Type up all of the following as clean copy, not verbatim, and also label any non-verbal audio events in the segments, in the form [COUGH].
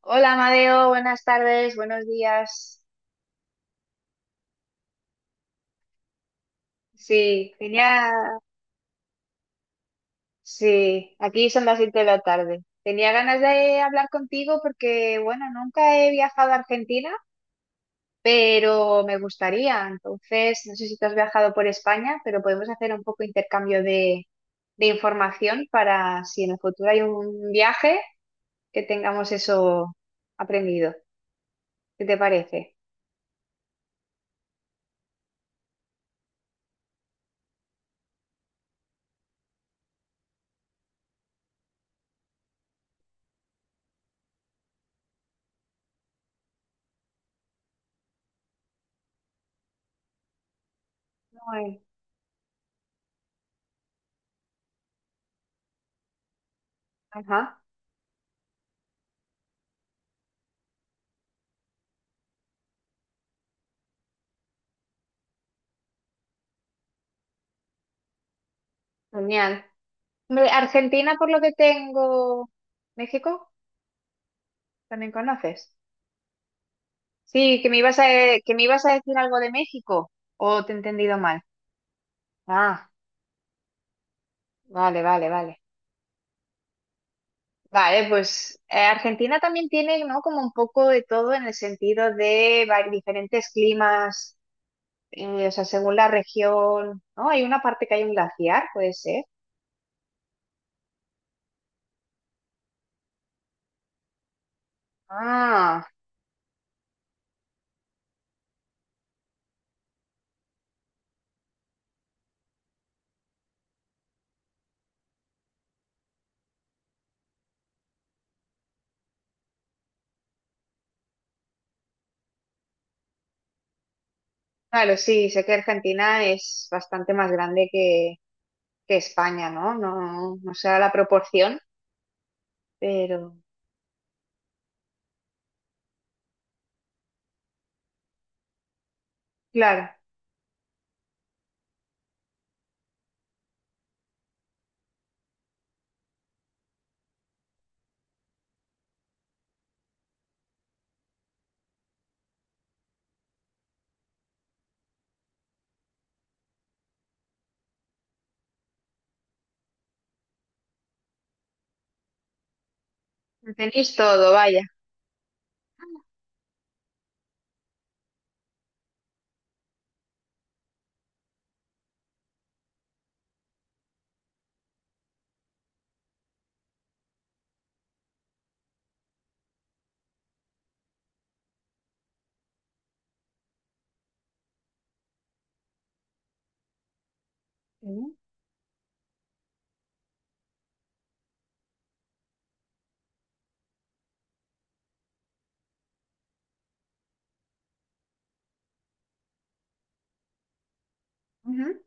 Hola, Amadeo, buenas tardes, buenos días. Sí, sí, aquí son las 7 de la tarde. Tenía ganas de hablar contigo porque, bueno, nunca he viajado a Argentina, pero me gustaría. Entonces, no sé si tú has viajado por España, pero podemos hacer un poco intercambio de información para si en el futuro hay un viaje, que tengamos eso aprendido. ¿Qué te parece? Muy- Ajá, genial. Hombre, Argentina, por lo que tengo. ¿México? ¿También conoces? Sí, que me ibas a, e, que me ibas a decir algo de México. ¿O te he entendido mal? Ah, vale, vale, vale. Vale, pues Argentina también tiene, ¿no? Como un poco de todo en el sentido de diferentes climas, o sea, según la región, ¿no? Hay una parte que hay un glaciar, puede ser. Ah, claro, sí, sé que Argentina es bastante más grande que España, ¿no? No, no sé la proporción, pero, claro, tenéis todo, vaya. Ujú, ujú.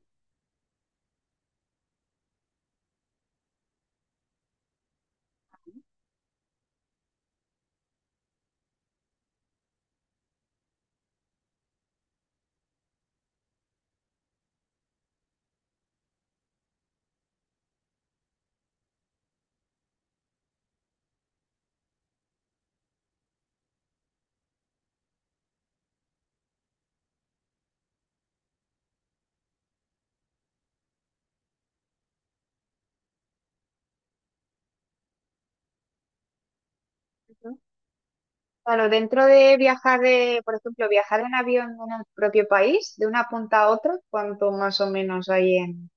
Claro, dentro de viajar por ejemplo, viajar en avión en el propio país, de una punta a otra, ¿cuánto más o menos hay en,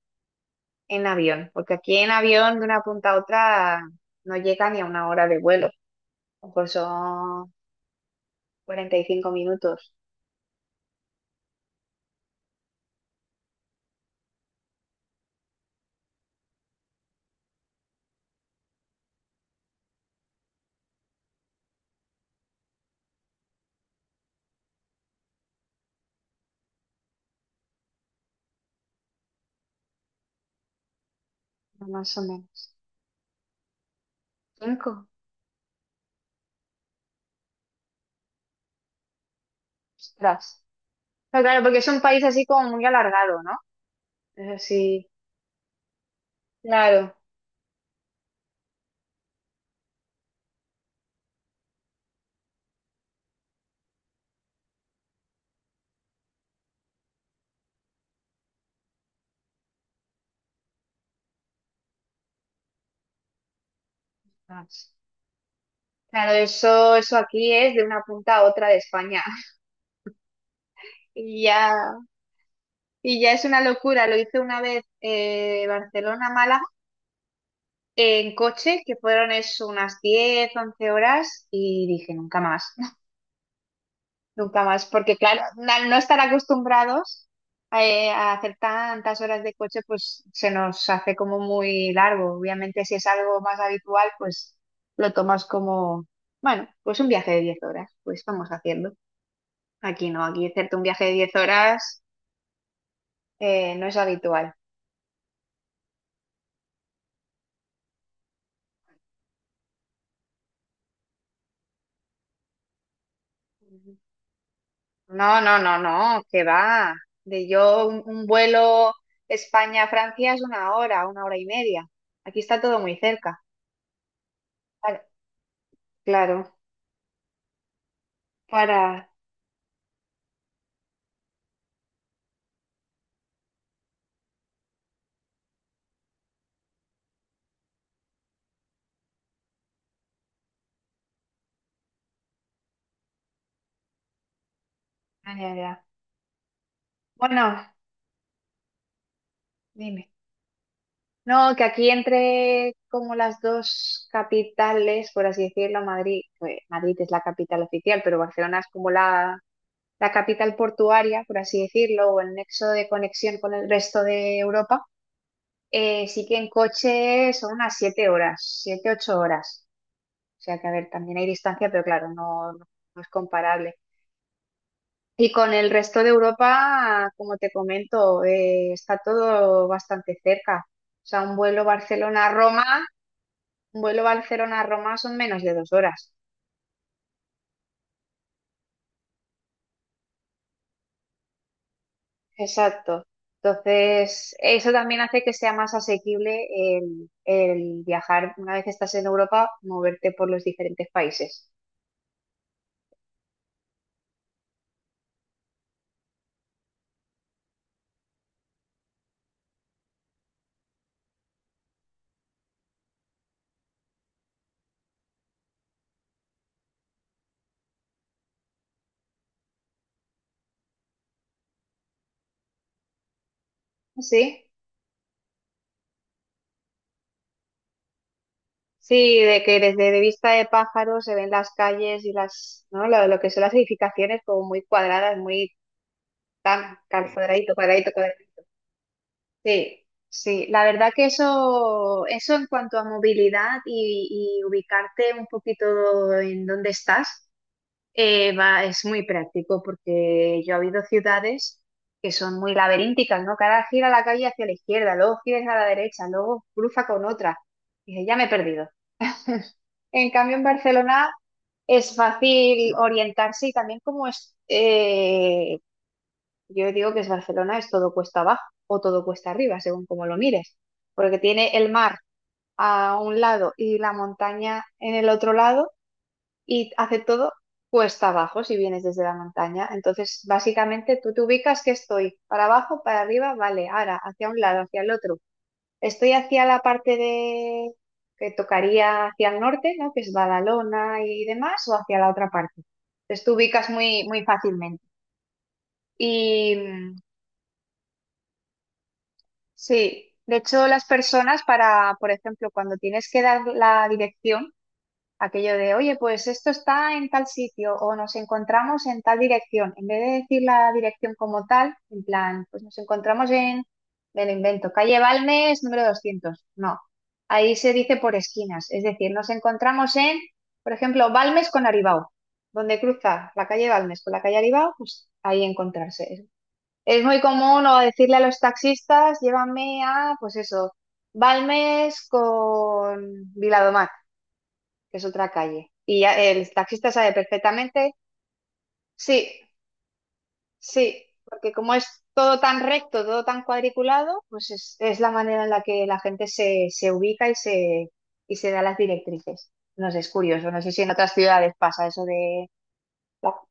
en avión? Porque aquí en avión de una punta a otra no llega ni a una hora de vuelo. A lo mejor son 45 minutos, más o menos. ¿Cinco? Ostras. Pero claro, porque es un país así como muy alargado, ¿no? Es así, claro. Claro, eso aquí es de una punta a otra de España. [LAUGHS] Y ya, y ya es una locura. Lo hice una vez Barcelona-Málaga en coche, que fueron eso unas 10 11 horas, y dije, nunca más, [LAUGHS] nunca más, porque claro, al no estar acostumbrados a hacer tantas horas de coche, pues se nos hace como muy largo. Obviamente, si es algo más habitual, pues lo tomas como, bueno, pues un viaje de 10 horas, pues vamos haciendo. Aquí no, aquí hacerte un viaje de 10 horas no es habitual. Ujú. No, no, no, no, que va. Un vuelo España-Francia es una hora y media. Aquí está todo muy cerca. Claro, claro, para... ah, ya, ya. Bueno, dime. No, que aquí entre como las dos capitales, por así decirlo, Madrid es la capital oficial, pero Barcelona es como la capital portuaria, por así decirlo, o el nexo de conexión con el resto de Europa, sí que en coche son unas 7 horas, 7 8 horas. O sea que, a ver, también hay distancia, pero claro, no es comparable. Y con el resto de Europa, como te comento, está todo bastante cerca. O sea, un vuelo Barcelona-Roma son menos de 2 horas. Exacto. Entonces, eso también hace que sea más asequible el viajar una vez que estás en Europa, moverte por los diferentes países. Sí, sí, de que desde de vista de pájaro se ven las calles y las, ¿no? Lo que son las edificaciones como muy cuadradas, muy tan cuadradito, cuadradito, cuadradito. Sí, sí. La verdad que eso en cuanto a movilidad y ubicarte un poquito en dónde estás. Va, es muy práctico porque yo he habido ciudades que son muy laberínticas, ¿no? Que ahora gira la calle hacia la izquierda, luego giras a la derecha, luego cruza con otra. Y dices, ya me he perdido. [LAUGHS] En cambio, en Barcelona es fácil orientarse y también como es, yo digo que es Barcelona, es todo cuesta abajo o todo cuesta arriba, según como lo mires, porque tiene el mar a un lado y la montaña en el otro lado y hace todo cuesta abajo si vienes desde la montaña. Entonces, básicamente tú te ubicas que estoy para abajo, para arriba, vale, ahora hacia un lado, hacia el otro. Estoy hacia la parte de que tocaría hacia el norte, ¿no? Que es Badalona y demás, o hacia la otra parte. Entonces tú ubicas muy, muy fácilmente. Y sí, de hecho las personas para, por ejemplo, cuando tienes que dar la dirección, aquello de, oye, pues esto está en tal sitio o nos encontramos en tal dirección. En vez de decir la dirección como tal, en plan, pues nos encontramos en, me lo invento, calle Balmes número 200. No, ahí se dice por esquinas. Es decir, nos encontramos en, por ejemplo, Balmes con Aribau. Donde cruza la calle Balmes con la calle Aribau, pues ahí encontrarse. Es muy común o decirle a los taxistas, llévame a, pues eso, Balmes con Viladomar que es otra calle. Y ya el taxista sabe perfectamente, sí, sí, porque como es todo tan recto, todo tan cuadriculado, pues es la manera en la que la gente se ubica y se da las directrices. No sé, es curioso, no sé si en otras ciudades pasa eso de, ¿no?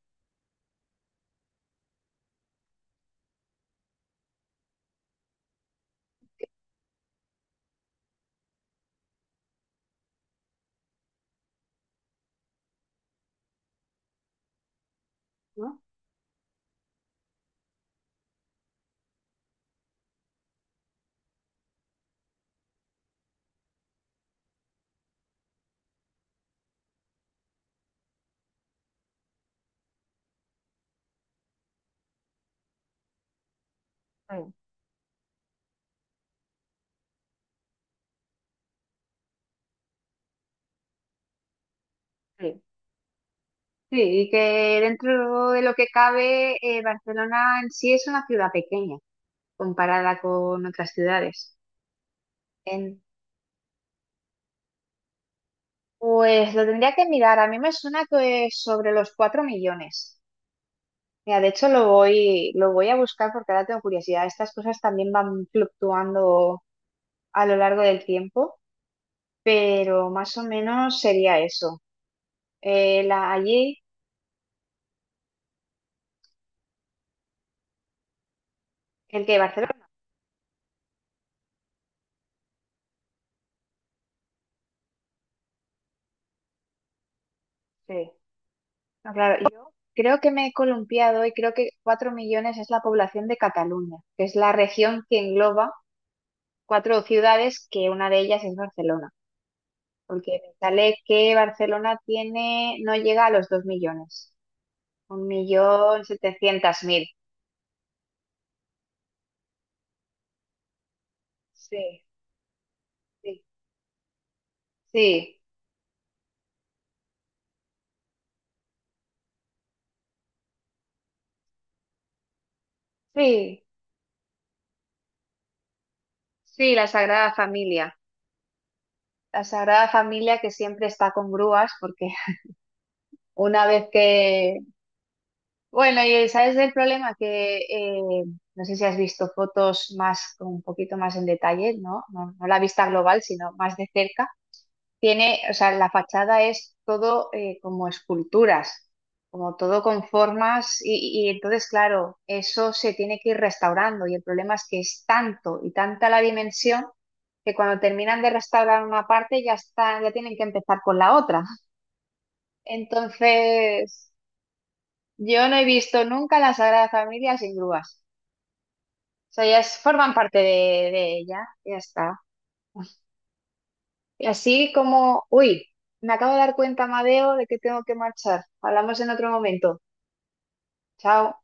Mm, sí. Sí, y que dentro de lo que cabe, Barcelona en sí es una ciudad pequeña comparada con otras ciudades. Pues lo tendría que mirar. A mí me suena que es sobre los 4 millones. Mira, de hecho lo voy a buscar porque ahora tengo curiosidad. Estas cosas también van fluctuando a lo largo del tiempo, pero más o menos sería eso. La, allí, el que Barcelona. Sí. No, claro, yo creo que me he columpiado y creo que 4 millones es la población de Cataluña, que es la región que engloba cuatro ciudades, que una de ellas es Barcelona. Porque me sale que Barcelona tiene, no llega a los 2 millones. 1.700.000. Sí, sí, sí, sí, sí, la Sagrada Familia. La Sagrada Familia que siempre está con grúas, porque una vez que. Bueno, y sabes el problema que no sé si has visto fotos más, un poquito más en detalle, ¿no? No, no la vista global, sino más de cerca. Tiene, o sea, la fachada es todo como esculturas, como todo con formas y entonces, claro, eso se tiene que ir restaurando y el problema es que es tanto y tanta la dimensión que cuando terminan de restaurar una parte ya está, ya tienen que empezar con la otra. Entonces, yo no he visto nunca la Sagrada Familia sin grúas. O sea, ellas forman parte de ella, ya está. Y así como, uy, me acabo de dar cuenta, Madeo, de que tengo que marchar. Hablamos en otro momento. Chao.